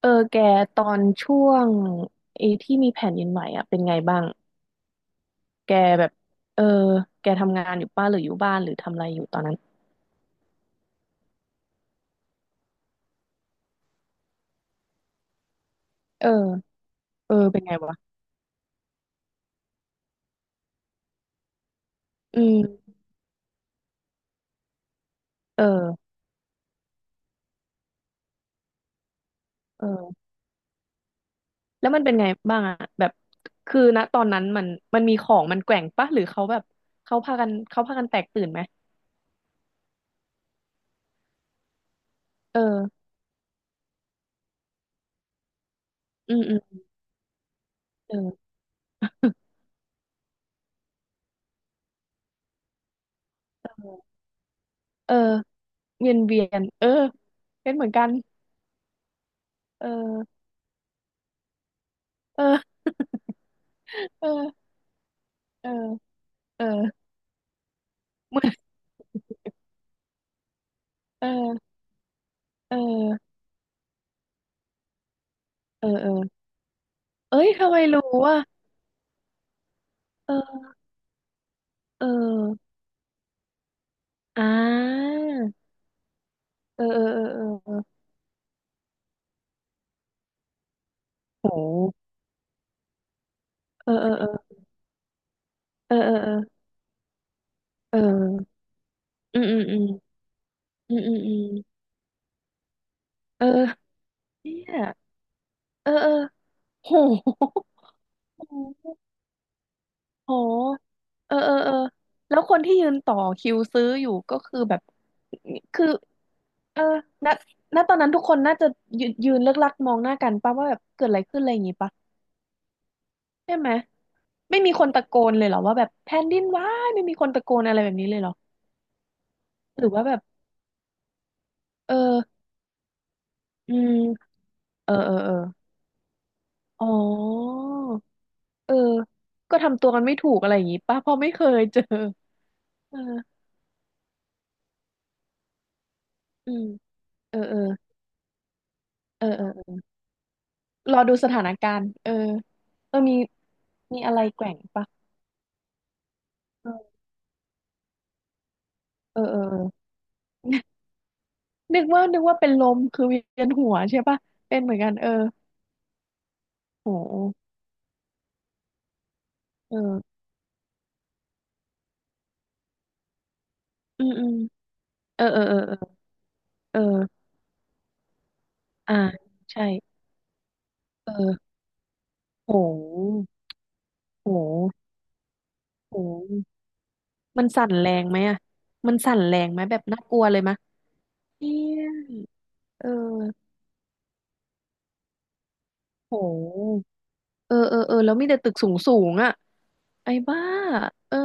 เออแกตอนช่วงไอ้ที่มีแผ่นดินไหวอ่ะเป็นไงบ้างแกแบบเออแกทำงานอยู่ป้าหรืออยู่บ้านหรือทำอะไรอยู่ตอนนั้นเออเออเป็นไงวะอืมเออเออแล้วมันเป็นไงบ้างอ่ะแบบคือณตอนนั้นมันมีของมันแกว่งปะหรือเขาแบบเขาพากันแตกตื่นไหมเอออืมอืมเออเออเวียนเวียนเออเป็นเหมือนกันเออเออเออเออเออเหมือนเออเออเออเออ เอ้ยทำไมรู้ว่าเออเอออ่าเออเออเออเออโหเออโหเออเออเออเออเออเอออืมอืมอืมอืมอืมอืมเออเนี่ยเออเออโหโหโหเออเออเออแล้วคนที่ยืนต่อคิวซื้ออยู่ก็คือแบบคือเออณตอนนั้นทุกคนน่าจะยืนเลิกลักมองหน้ากันป่ะว่าแบบเกิดอะไรขึ้นอะไรอย่างงี้ปะ ใช่ไหมไม่มีคนตะโกนเลยเหรอว่าแบบแผ่นดินไหวไม่มีคนตะโกนอะไรแบบนี้เลยเหรอหรือว่าแบบเอออืมเออเออเอออ๋อเออก็ทำตัวกันไม่ถูกอะไรอย่างงี้ป่ะเพราะไม่เคยเจอเอออืมเออเออเออเออเออรอดูสถานการณ์เออเออมีอะไรแกว่งปะเออเออเออเออ นึกว่าเป็นลมคือเวียนหัวใช่ปะเป็นเหมือนกันเออโหเอออืมอืมเออเออเออเออเออ อ่าใช่เออโหโหโหมันสั่นแรงไหมอ่ะมันสั่นแรงไหมแบบน่ากลัวเลยมะเนี่ยเออโหเออเออเออแล้วมีแต่ตึกสูงสูงอ่ะไอ้บ้าเออ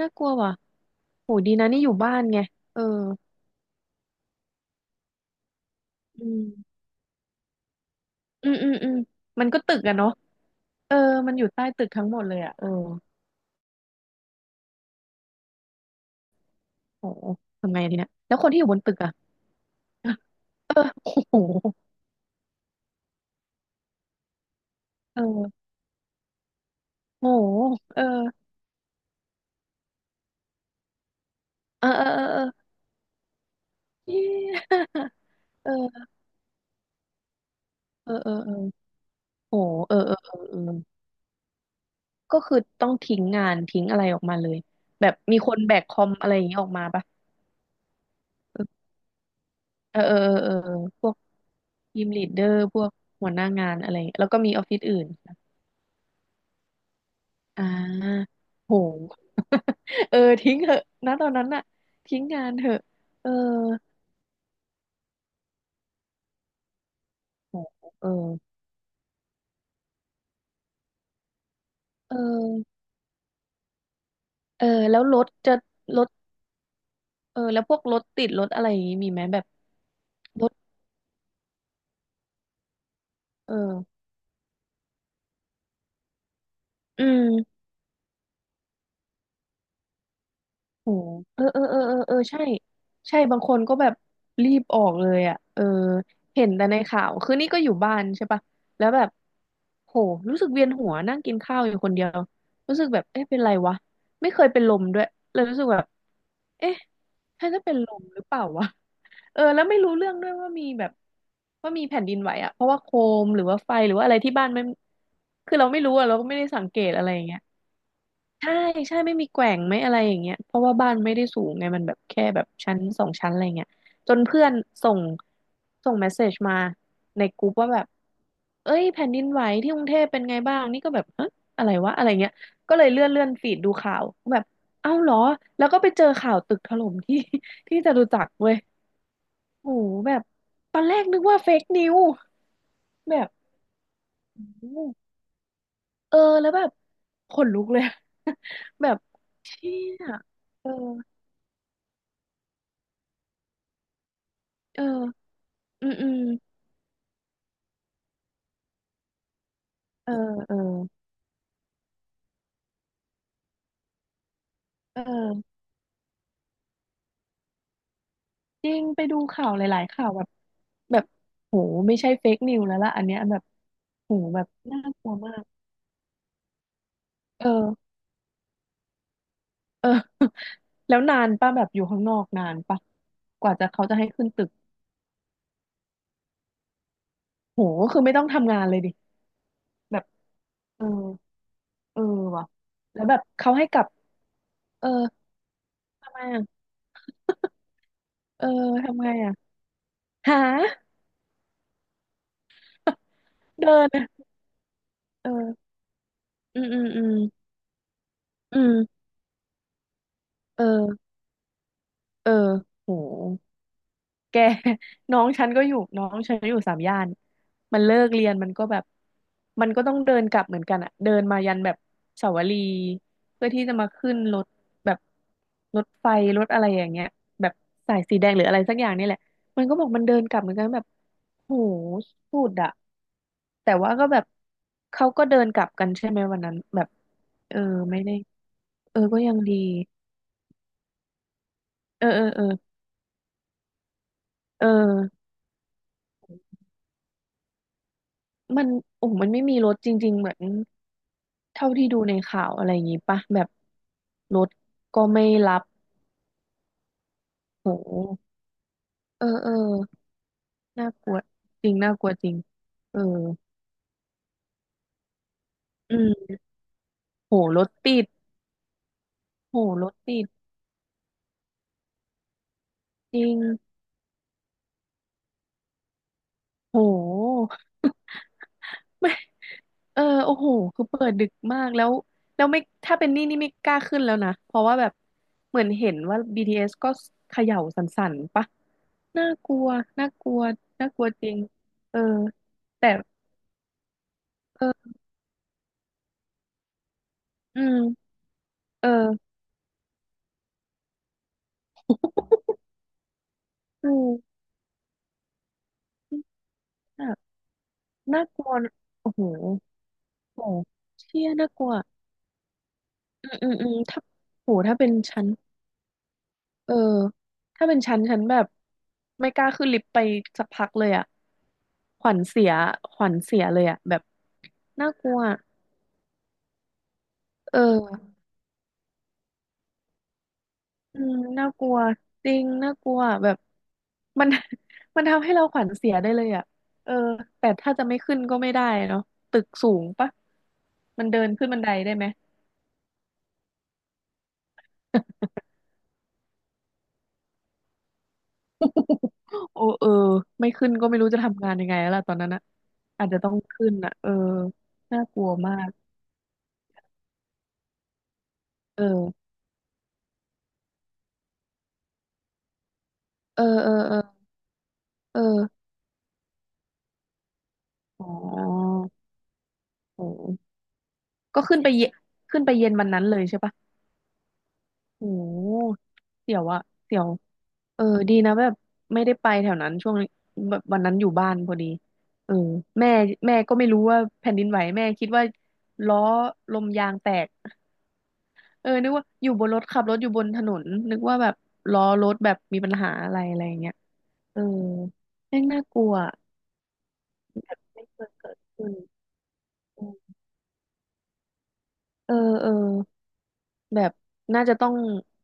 น่ากลัวว่ะโหดีนะนี่อยู่บ้านไงเอออืมอืมมันก็ตึกอะเนาะเออมันอยู่ใต้ตึกทั้งหมดเลยอะเออโหทำไงทีเนี้ยแล้วคนที่อยู่บนตึกอะเออโหเออโหเออเออเออเออ เย้เออเออเออเออโหเออเออเออเออก็คือต้องทิ้งงานทิ้งอะไรออกมาเลยแบบมีคนแบกคอมอะไรอย่างนี้ออกมาปะเออเออเออเออเออพวกทีมลีดเดอร์พวกหัวหน้างานอะไรแล้วก็มีออฟฟิศอื่นค่ะอ่าโห เออทิ้งเถอะนะตอนนั้นน่ะทิ้งงานเถอะเออโหเออเออเออแล้วรถจะรถเออแล้วพวกรถติดรถอะไรอย่างนี้มีไหมแบบรถเอออืม โอ้เออเออเออเออเออใช่ใช่บางคนก็แบบรีบออกเลยอ่ะเออเห็นแต่ในข่าวคือนี่ก็อยู่บ้านใช่ปะแล้วแบบโหรู้สึกเวียนหัวนั่งกินข้าวอยู่คนเดียวรู้สึกแบบเอ๊ะเป็นไรวะไม่เคยเป็นลมด้วยเลยรู้สึกแบบเอ๊ะฉันจะเป็นลมหรือเปล่าวะเออแล้วไม่รู้เรื่องด้วยว่ามีแบบว่ามีแผ่นดินไหวอ่ะเพราะว่าโคมหรือว่าไฟหรือว่าอะไรที่บ้านมันคือเราไม่รู้อะเราก็ไม่ได้สังเกตอะไรอย่างเงี้ย ใช่ใช่ไม่มีแกว่งไม่อะไรอย่างเงี้ยเพราะว่าบ้านไม่ได้สูงไงมันแบบแค่แบบชั้นสองชั้นอะไรเงี้ยจนเพื่อนส่งเมสเซจมาในกลุ่มว่าแบบเอ้ยแผ่นดินไหวที่กรุงเทพเป็นไงบ้างนี่ก็แบบฮะอะไรวะอะไรเงี้ยก็เลยเลื่อนฟีดดูข่าวแบบเอ้าเหรอแล้วก็ไปเจอข่าวตึกถล่มที่ ที่จตุจักรเว้ยโอ้โหแบบตอนแรกนึกว่าเฟกนิวแบบโอ้โหเออแล้วแบบขนลุกเลย แบบเชี่ยเออ เอออืมอืม เออ เออเออจริงไปดูข่าวหลายๆข่าวแบบแบบโหไม่ใช่เฟกนิวแล้วล่ะอันเนี้ยแบบโหแบบน่ากลัวมากเออเออ แล้วนานป่ะแบบอยู่ข้างนอกนานป่ะกว่าจะเขาจะให้ขึ้นตึกโหคือไม่ต้องทำงานเลยดิแบบเออเออว่ะแล้วแบบเขาให้กลับเออทำไมอ่ะเออทำไงอ่ะหา เดินอะเอออืมอืมอืมอืมเออเออโห แก น้องฉันก็อยู่น้องฉันอยู่สามย่านมันเลิกเรียนมันก็แบบมันก็ต้องเดินกลับเหมือนกันอะเดินมายันแบบเสาวรีเพื่อที่จะมาขึ้นรถแบบรถไฟรถอะไรอย่างเงี้ยแบบสายสีแดงหรืออะไรสักอย่างนี่แหละมันก็บอกมันเดินกลับเหมือนกันแบบโหสุดอะแต่ว่าก็แบบเขาก็เดินกลับกันใช่ไหมวันนั้นแบบเออไม่ได้เออก็ยังดีเออเออเออเออมันโอ้โหมันไม่มีรถจริงๆเหมือน เท่าที่ดูในข่าวอะไรอย่างงี้ปะแบบรถก็ไม่รับโหเออเออน่ากลัวจริงน่ากลัวจริงเอออืมโหรถติดโหรถติดจริงโหไม่เออโอ้โหคือเปิดดึกมากแล้วแล้วไม่ถ้าเป็นนี่นี่ไม่กล้าขึ้นแล้วนะเพราะว่าแบบเหมือนเห็นว่าบีทีเอสก็เขย่าสั่นๆปะน่ากลัวน่ากลัวน่ากลัวจริงเออแต่เอออืมเอออืม น่ากลัวนะโอ้โหโอ้โหเชี่ยน่ากลัวอืมอืมอืมถ้าโหถ้าเป็นชั้นเออถ้าเป็นชั้นชั้นแบบไม่กล้าขึ้นลิฟต์ไปสักพักเลยอะขวัญเสียขวัญเสียเลยอะแบบน่ากลัวเอออืมน่ากลัวจริงน่ากลัวแบบมัน มันทำให้เราขวัญเสียได้เลยอะเออแต่ถ้าจะไม่ขึ้นก็ไม่ได้เนาะตึกสูงปะมันเดินขึ้นบันไดได้ไหม โอ้เออไม่ขึ้นก็ไม่รู้จะทำงานยังไงแล้วล่ะตอนนั้นอะอาจจะต้องขึ้นอะเออน่ากลัวมากเออเออเออเออเอออ๋อโอ้ก็ขึ้นไปเย็นขึ้นไปเย็นวันนั้นเลยใช่ปะโอ้เสียวอะเสี่ยวเออดีนะแบบไม่ได้ไปแถวนั้นช่วงนี้แบบวันนั้นอยู่บ้านพอดีเออแม่แม่ก็ไม่รู้ว่าแผ่นดินไหวแม่คิดว่าล้อลมยางแตก เออนึกว่าอยู่บนรถขับรถอยู่บนถนนนึกว่าแบบล้อรถแบบมีปัญหาอะไรอะไรอย่างเงี้ยเออแม่งน่ากลัวอะไม่เคยเกิดขึ้นอืมเออเออแบบน่าจะต้อง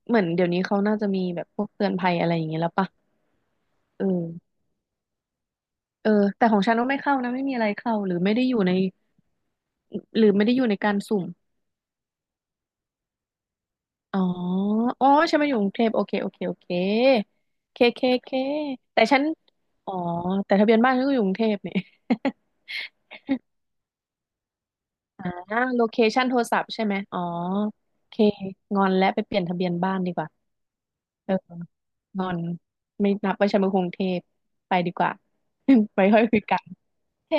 เหมือนเดี๋ยวนี้เขาน่าจะมีแบบพวกเตือนภัยอะไรอย่างเงี้ยแล้วปะเออเออแต่ของฉันก็ไม่เข้านะไม่มีอะไรเข้าหรือไม่ได้อยู่ในหรือไม่ได้อยู่ในการสุ่มอ๋ออ๋อฉันมาอยู่กรุงเทพโอเคโอเคโอเคเคเคเคแต่ฉันอ๋อแต่ทะเบียนบ้านฉันก็อยู่กรุงเทพเนี่ย อ่าโลเคชันโทรศัพท์ใช่ไหม อ๋อ โอเค งอนและไปเปลี่ยนทะเบียนบ้านดีกว่า เออ งอนไม่นับว่าฉันเป็นกรุงเทพไปดีกว่า ไปค่อยคุยกันเฮ้